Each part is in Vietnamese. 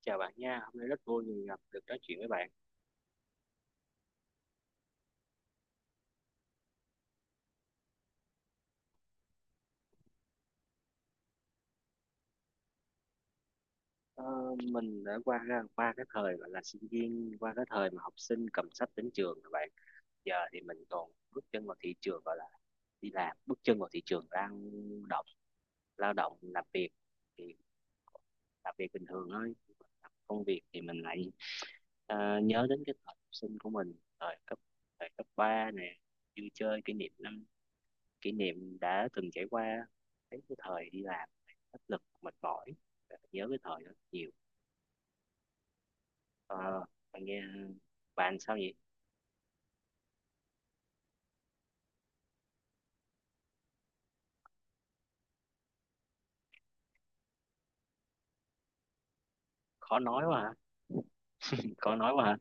Chào bạn nha, hôm nay rất vui vì gặp được nói chuyện với bạn. ờ, mình đã qua qua cái thời gọi là sinh viên, qua cái thời mà học sinh cầm sách đến trường các bạn. Giờ thì mình còn bước chân vào thị trường, gọi là đi làm, bước chân vào thị trường động lao động làm việc. Thì làm việc bình thường thôi. Làm công việc thì mình lại nhớ đến cái thời học sinh của mình, thời cấp thời cấp ba nè, vui chơi, kỷ niệm đã từng trải qua. Thấy cái thời đi làm áp lực mệt mỏi, nhớ cái thời đó nhiều. Ờ, bạn nghe, bạn sao vậy? Khó nói quá hả? Khó nói quá hả?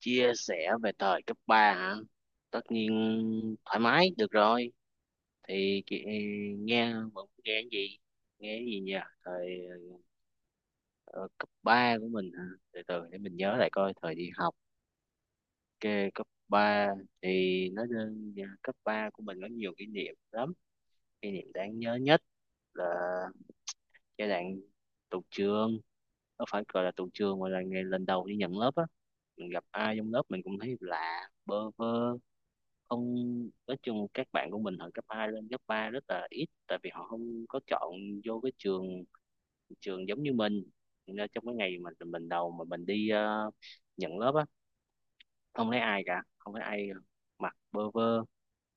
Chia sẻ về thời cấp 3 hả? Tất nhiên, thoải mái được rồi. Thì chị nghe, vẫn nghe cái gì nhỉ? thời ờ, Cấp 3 của mình hả? Từ từ để mình nhớ lại coi thời đi học cái cấp ba. Thì nó cấp 3 của mình có nhiều kỷ niệm lắm. Kỷ niệm đáng nhớ nhất là giai đoạn tụt trường. Nó phải gọi là tụt trường, mà là ngày lần đầu đi nhận lớp á, mình gặp ai trong lớp mình cũng thấy lạ, bơ vơ. Không, nói chung các bạn của mình hồi cấp 2 lên cấp 3 rất là ít, tại vì họ không có chọn vô cái trường trường giống như mình. Nên trong cái ngày mà mình đầu mà mình đi nhận lớp á, không thấy ai cả, không thấy ai, mặc bơ vơ.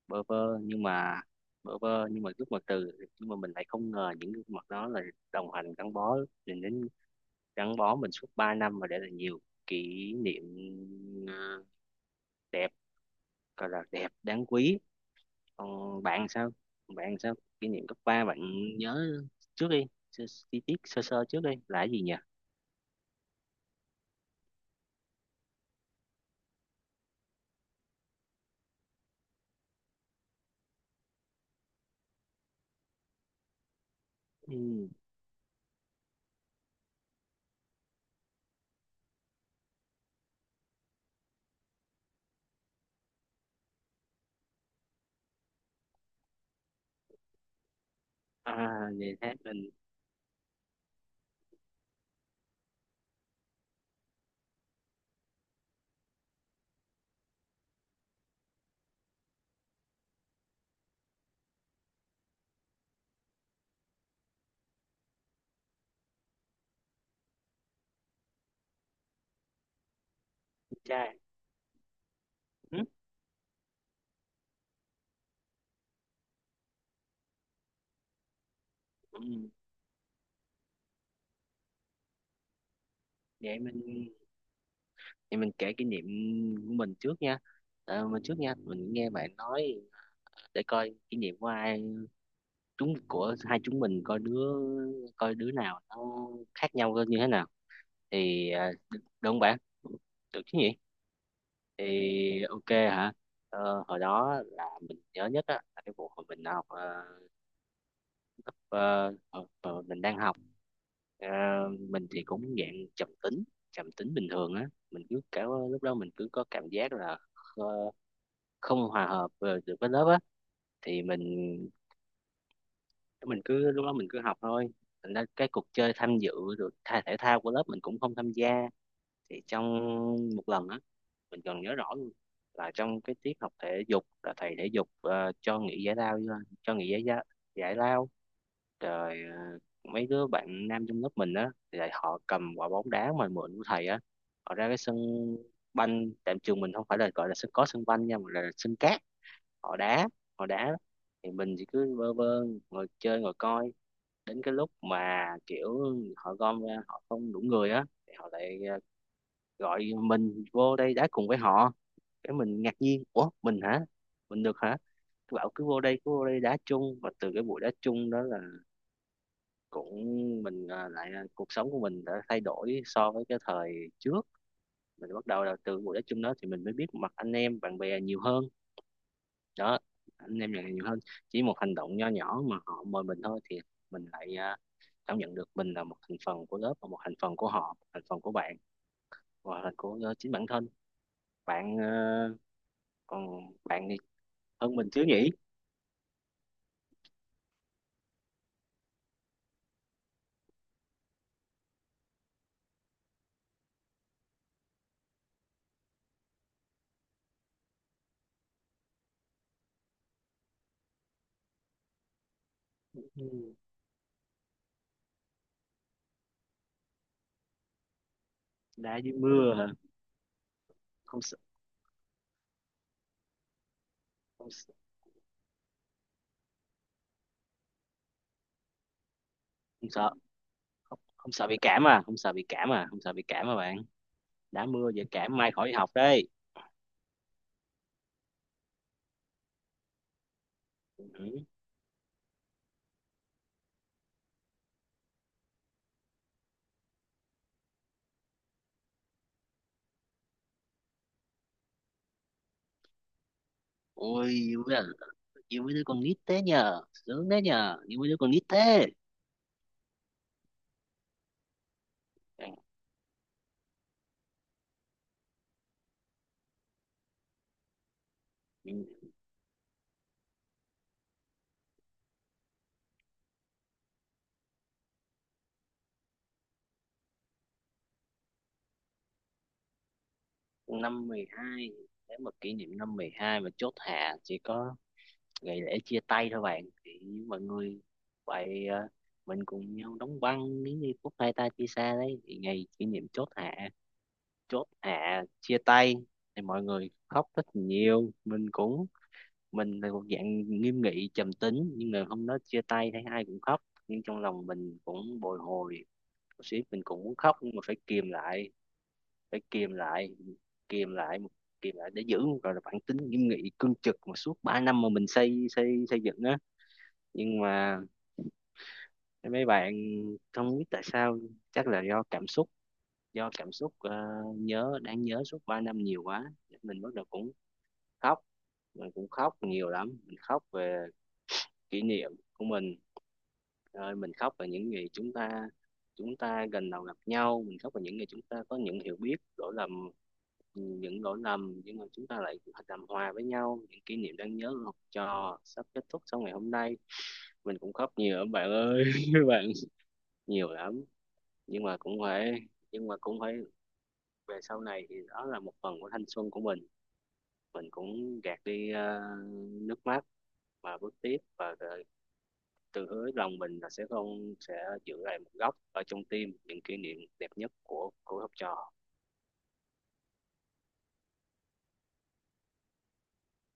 Bơ vơ, nhưng mà bơ vơ nhưng mà gương mặt từ nhưng mà mình lại không ngờ những gương mặt đó là đồng hành gắn bó mình đến gắn bó mình suốt 3 năm, và để lại nhiều kỷ niệm ờ, đẹp, gọi là đẹp, đáng quý. Còn bạn sao? Bạn sao? Kỷ niệm cấp 3 bạn nhớ, trước đi, sơ, chi tiết sơ sơ trước đi là cái gì nhỉ? Ừ. À, vậy thế mình. Trai. Ừ. Ừ. Vậy mình, vậy mình kể kỷ niệm của mình trước nha. Ờ, mình trước nha, mình nghe bạn nói để coi kinh nghiệm của ai, của hai chúng mình coi đứa, coi đứa nào nó khác nhau như thế nào. thì à, Đúng không bạn? Được chứ nhỉ? Thì ok hả? Hồi đó là mình nhớ nhất á là cái vụ hồi mình học ờ, mình đang học. Ờ, mình thì cũng dạng trầm tính, trầm tính bình thường á. Mình cứ cả, lúc đó mình cứ có cảm giác là ờ, không hòa hợp được với lớp á. Thì Mình cứ, lúc đó mình cứ học thôi. Thành ra cái cuộc chơi tham dự rồi thể thao của lớp mình cũng không tham gia. Thì trong một lần á, mình còn nhớ rõ luôn, là trong cái tiết học thể dục là thầy thể dục cho nghỉ giải lao, cho nghỉ giải giải, giải lao rồi, mấy đứa bạn nam trong lớp mình á thì lại họ cầm quả bóng đá mà mượn của thầy á, họ ra cái sân banh. Tại trường mình không phải là gọi là sân có sân banh nha, mà là sân cát. Họ đá, họ đá, thì mình chỉ cứ vơ vơ ngồi chơi, ngồi coi. Đến cái lúc mà kiểu họ gom ra họ không đủ người á, thì họ lại gọi mình vô đây đá cùng với họ. Cái mình ngạc nhiên, ủa mình hả? Mình được hả? Cứ bảo cứ vô đây, cứ vô đây đá chung. Và từ cái buổi đá chung đó là cũng mình ờ, lại ờ, cuộc sống của mình đã thay đổi so với cái thời trước. Mình bắt đầu là từ buổi đá chung đó thì mình mới biết mặt anh em bạn bè nhiều hơn. Đó, anh em bạn bè nhiều hơn. Chỉ một hành động nho nhỏ mà họ mời mình thôi, thì mình lại cảm nhận được mình là một thành phần của lớp, và một thành phần của họ, thành phần của bạn, và thành của chính bản thân bạn. Ờ, Còn bạn thì hơn mình chứ nhỉ? Ừ, đá dưới mưa hả? Không sợ? không, sợ- Không sợ? Không, không sợ bị cảm à, không sợ bị cảm à, không sợ bị cảm à bạn? Đá mưa dễ cảm, mai khỏi đi học đấy. Ừ. Ôi, yêu với đứa con nít thế nhờ, sướng thế nhờ, yêu với đứa con nít thế. Ừ, năm 12. Nếu mà kỷ niệm năm 12 mà chốt hạ chỉ có ngày lễ chia tay thôi bạn. Thì mọi người vậy mình cùng nhau đóng băng, nếu như phút hai ta chia xa đấy. Thì ngày kỷ niệm chốt hạ, chốt hạ chia tay, thì mọi người khóc rất nhiều. Mình cũng, mình là một dạng nghiêm nghị trầm tính, nhưng mà hôm đó chia tay thấy ai cũng khóc, nhưng trong lòng mình cũng bồi hồi một xíu, mình cũng muốn khóc, nhưng mà phải kìm lại, phải kìm lại, kìm lại, kìm lại để giữ gọi là bản tính nghiêm nghị cương trực mà suốt 3 năm mà mình xây xây xây dựng á. Nhưng mà mấy bạn, không biết tại sao, chắc là do cảm xúc, do cảm xúc nhớ đáng nhớ suốt 3 năm nhiều quá, mình bắt đầu cũng khóc. Mình cũng khóc nhiều lắm. Mình khóc về kỷ niệm của mình, rồi mình khóc về những gì chúng ta, chúng ta gần đầu gặp nhau, mình khóc về những gì chúng ta có những hiểu biết lỗi lầm, những lỗi lầm nhưng mà chúng ta lại làm hòa với nhau, những kỷ niệm đáng nhớ của học trò sắp kết thúc sau ngày hôm nay. Mình cũng khóc nhiều lắm bạn ơi. Bạn, nhiều lắm. Nhưng mà cũng phải, nhưng mà cũng phải, về sau này thì đó là một phần của thanh xuân của mình. Mình cũng gạt đi nước mắt và bước tiếp, và tự hứa lòng mình là sẽ không sẽ giữ lại một góc ở trong tim những kỷ niệm đẹp nhất của học trò.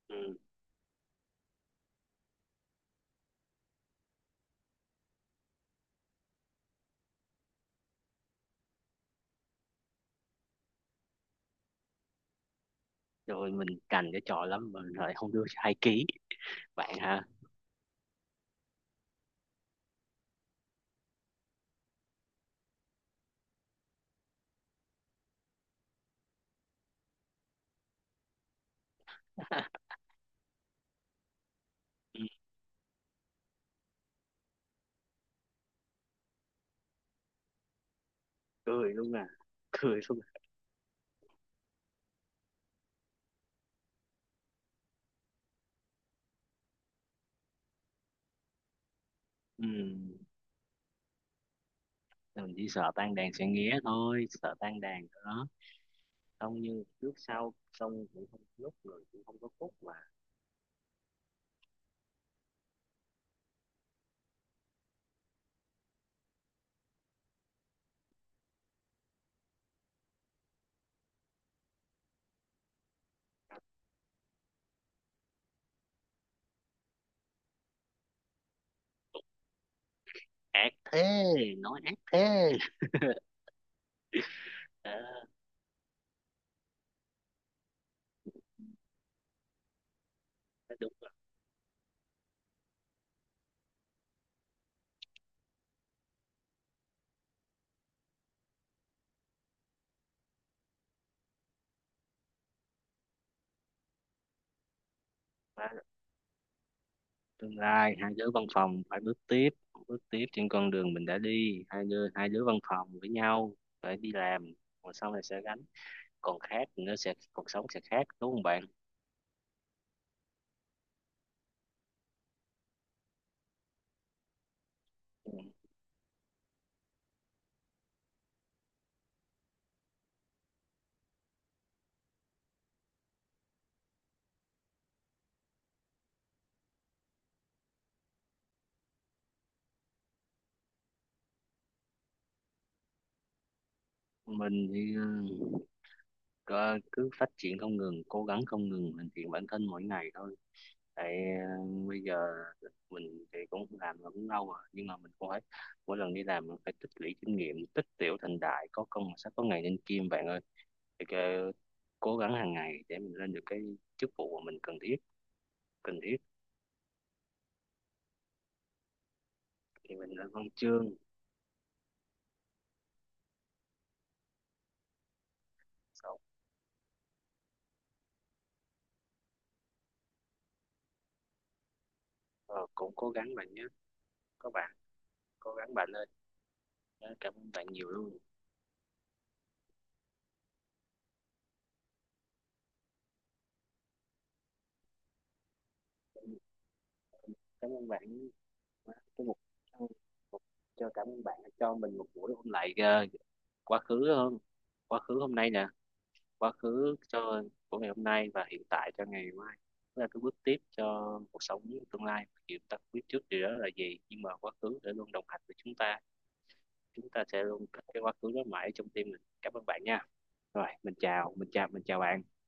Ừ. Rồi mình cành cái trò lắm, mình lại không đưa hai ký, bạn hả? Ừ. Cười luôn à? Cười luôn à. Ừ. Mình chỉ sợ tan đàn sẽ nghé thôi, sợ tan đàn đó. Xong như trước sau, xong cũng không lúc người cũng không có phúc mà. Ác thế, nói ác thế. Ờ, đúng rồi. Và tương lai hai đứa văn phòng phải bước tiếp, bước tiếp trên con đường mình đã đi, hai đứa, hai đứa văn phòng với nhau. Phải đi làm, còn sau này sẽ gánh, còn khác thì nó sẽ, cuộc sống sẽ khác, đúng không bạn? Ừ. Mình thì cứ phát triển không ngừng, cố gắng không ngừng hoàn thiện bản thân mỗi ngày thôi. Tại bây giờ mình thì cũng làm là cũng lâu rồi, nhưng mà mình cũng phải, mỗi lần đi làm mình phải tích lũy kinh nghiệm, tích tiểu thành đại, có công mà sẽ có ngày nên kim bạn ơi. thì cái- Cố gắng hàng ngày để mình lên được cái chức vụ mà mình cần thiết, cần thiết. Thì mình lên văn chương. Rồi, ờ, cũng cố gắng bạn nhé. Các bạn cố gắng bạn ơi. Ờ, cảm ơn bạn nhiều luôn. Cảm ơn bạn. cái một một- cho cảm ơn bạn đã cho mình một buổi hôm lại quá khứ hơn, quá khứ hôm nay nè. Quá khứ cho Của ngày hôm nay, và hiện tại cho ngày mai. Đó là cái bước tiếp cho cuộc sống. Tương lai thì chúng ta không biết trước điều đó là gì, nhưng mà quá khứ sẽ luôn đồng hành với chúng ta, chúng ta sẽ luôn thích cái quá khứ đó mãi trong tim mình. Cảm ơn bạn nha. Rồi mình chào, mình chào bạn.